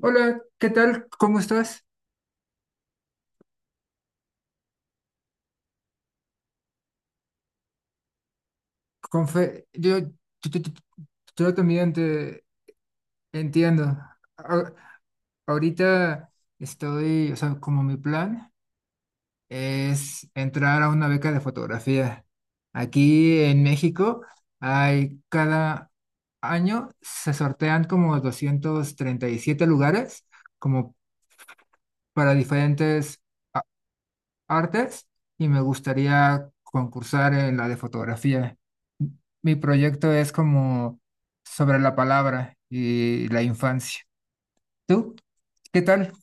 Hola, ¿qué tal? ¿Cómo estás? Confe- yo, yo, yo- yo- yo también te entiendo. A- Ahorita estoy, o sea, como mi plan es entrar a una beca de fotografía. Aquí en México, hay cada año se sortean como 237 lugares como para diferentes artes, y me gustaría concursar en la de fotografía. Mi proyecto es como sobre la palabra y la infancia. ¿Tú? ¿Qué tal?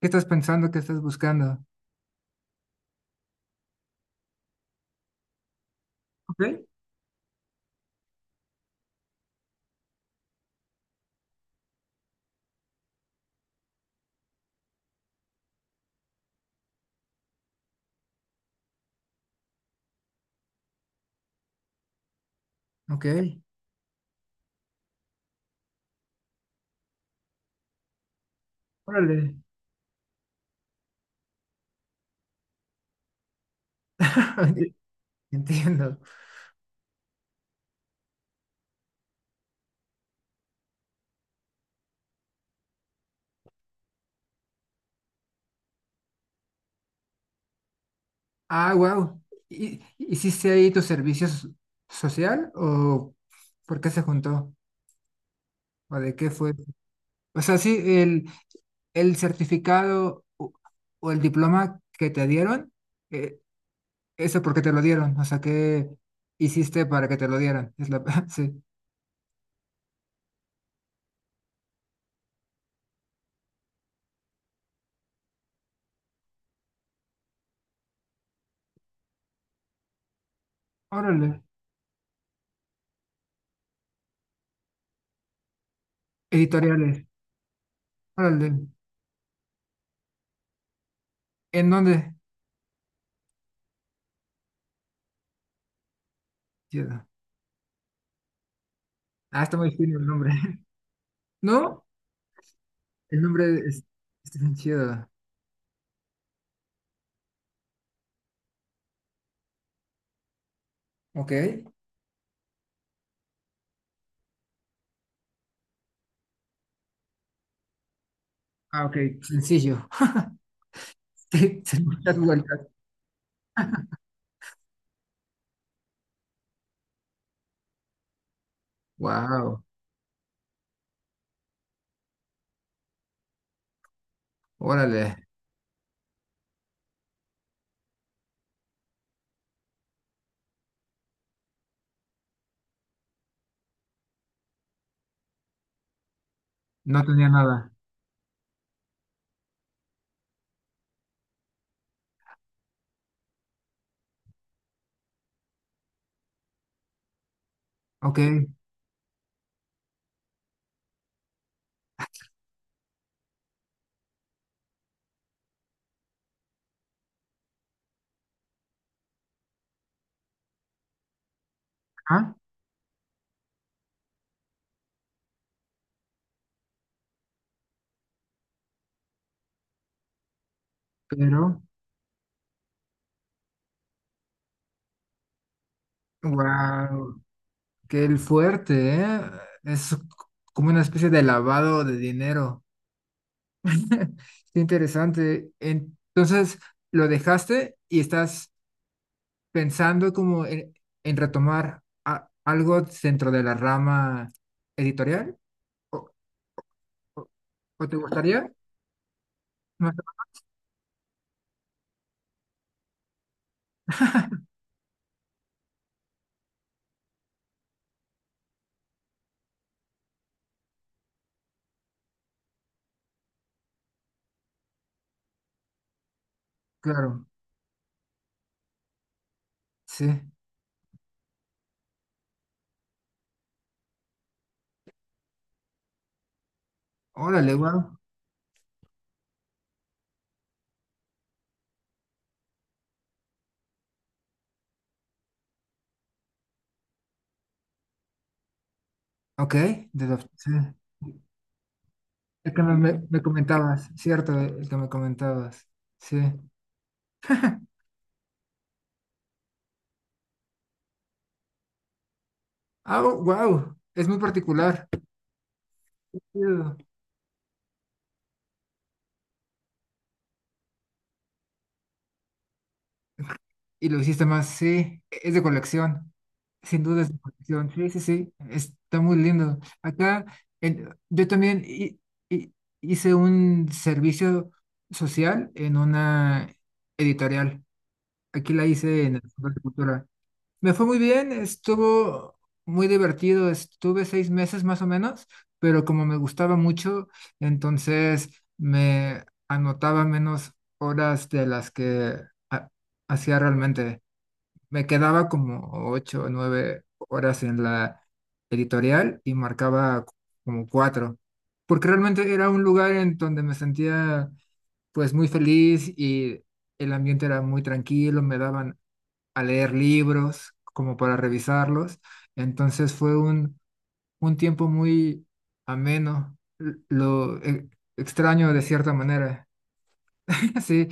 ¿Qué estás pensando? ¿Qué estás buscando? Ok, ok, órale. Sí, entiendo. Ah, wow. ¿Y hiciste ahí tu servicio social, o por qué se juntó? ¿O de qué fue? O sea, sí, el certificado, o el diploma que te dieron, eh, eso porque te lo dieron. O sea, ¿qué hiciste para que te lo dieran? Sí. Órale, editoriales, órale. ¿En dónde? Chido. Ah, está muy fino el nombre. ¿No? El nombre, es, está bien chido. Ok. Ah, ok, sencillo. Sí, sin muchas vueltas. Wow, órale. No tenía nada. Ok. Ah, pero wow, qué el fuerte, ¿eh? Es como una especie de lavado de dinero. Qué interesante. Entonces, lo dejaste y estás pensando como en, retomar algo dentro de la rama editorial. ¿O, o- o te gustaría? Más- claro, sí. Órale, wow. Ok, sí. El que me comentabas, cierto, el que me comentabas. Sí. Ah, wow, es muy particular. Y lo hiciste más, sí, es de colección, sin duda es de colección, sí, sí, sí, está muy lindo. Acá, yo también hi- hice un servicio social en una editorial, aquí la hice en el Centro de Cultura. Me fue muy bien, estuvo muy divertido, estuve 6 meses más o menos, pero como me gustaba mucho, entonces me anotaba menos horas de las que ha- hacía realmente. Me quedaba como 8 o 9 horas en la editorial y marcaba como cuatro, porque realmente era un lugar en donde me sentía, pues, muy feliz, y el ambiente era muy tranquilo. Me daban a leer libros como para revisarlos. Entonces fue un tiempo muy ameno, lo extraño de cierta manera, sí.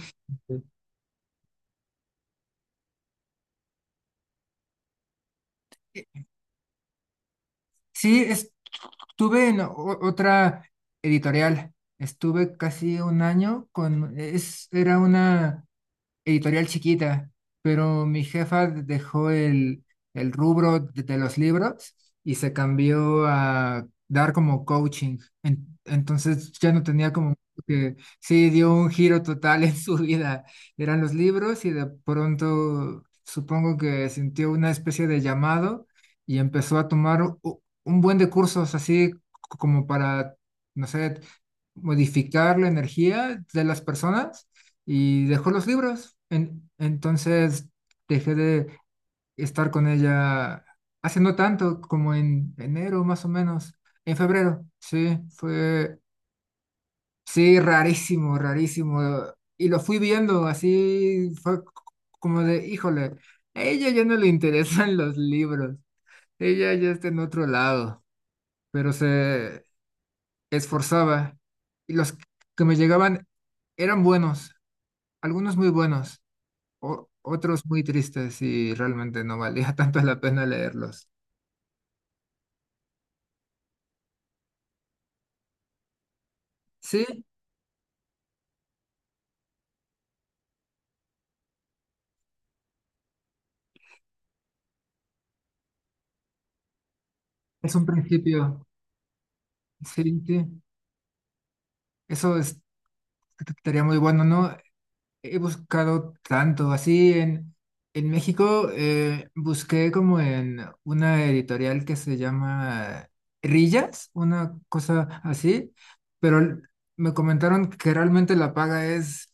Sí, estuve en otra editorial. Estuve casi un año con, era una editorial chiquita, pero mi jefa dejó el rubro de los libros y se cambió a dar como coaching. Entonces ya no tenía como que, sí, dio un giro total en su vida. Eran los libros y de pronto supongo que sintió una especie de llamado y empezó a tomar un buen de cursos, así como para, no sé, modificar la energía de las personas, y dejó los libros. Entonces dejé de estar con ella hace no tanto, como en enero más o menos, en febrero. Sí, sí, rarísimo, rarísimo. Y lo fui viendo así, fue como de, híjole, a ella ya no le interesan los libros, ella ya está en otro lado, pero se esforzaba, y los que me llegaban eran buenos, algunos muy buenos, otros muy tristes, y realmente no valía tanto la pena leerlos. Sí, es un principio, sí, sí, eso estaría muy bueno, ¿no? He buscado tanto, así en México, busqué como en una editorial que se llama Rillas, una cosa así, pero me comentaron que realmente la paga es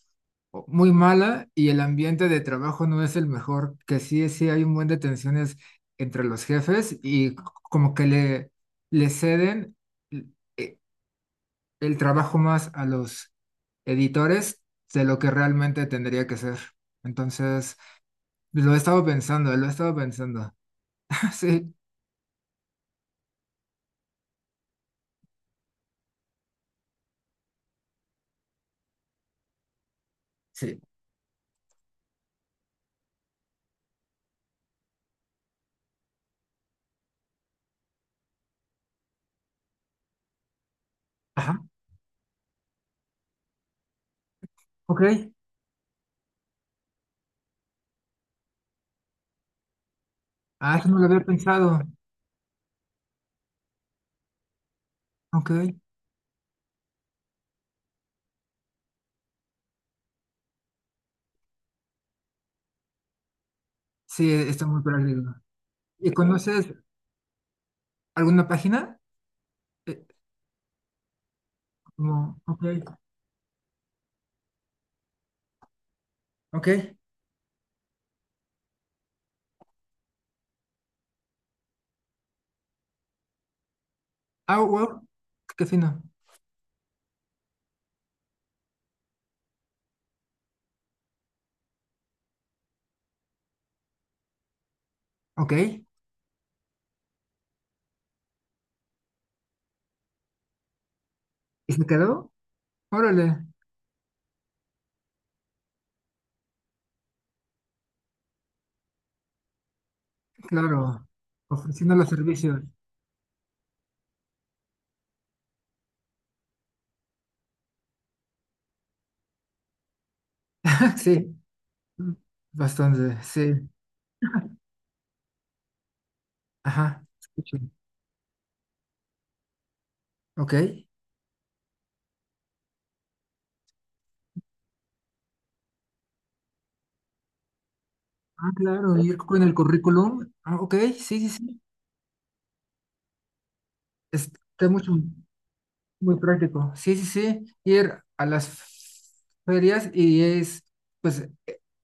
muy mala y el ambiente de trabajo no es el mejor, que sí, sí hay un buen de tensiones entre los jefes, y como que le ceden el trabajo más a los editores de lo que realmente tendría que ser. Entonces, lo he estado pensando, lo he estado pensando. Sí, sí. Ajá. Ok. Ah, eso no lo había pensado. Ok. Sí, está muy práctico. ¿Y conoces alguna página? Eh, Como, ok, ok. Ah, wow, qué fino. Ok. ¿Y se quedó? Órale, claro. Ofreciendo los servicios. Sí, bastante, sí. Ajá. Ok. Ah, claro, ir con el currículum. Ah, ok, sí, sí, sí. Está muy práctico. Sí, sí, sí. Ir a las ferias y, pues,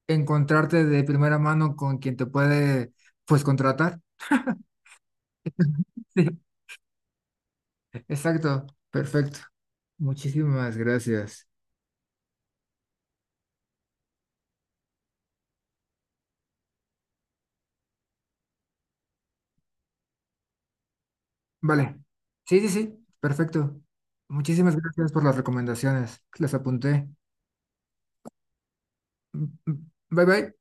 encontrarte de primera mano con quien te puede, pues, contratar. Sí, exacto. Perfecto. Muchísimas gracias. Vale. Sí, sí, sí. Perfecto. Muchísimas gracias por las recomendaciones. Las apunté. Mm, mm. Bye, bye.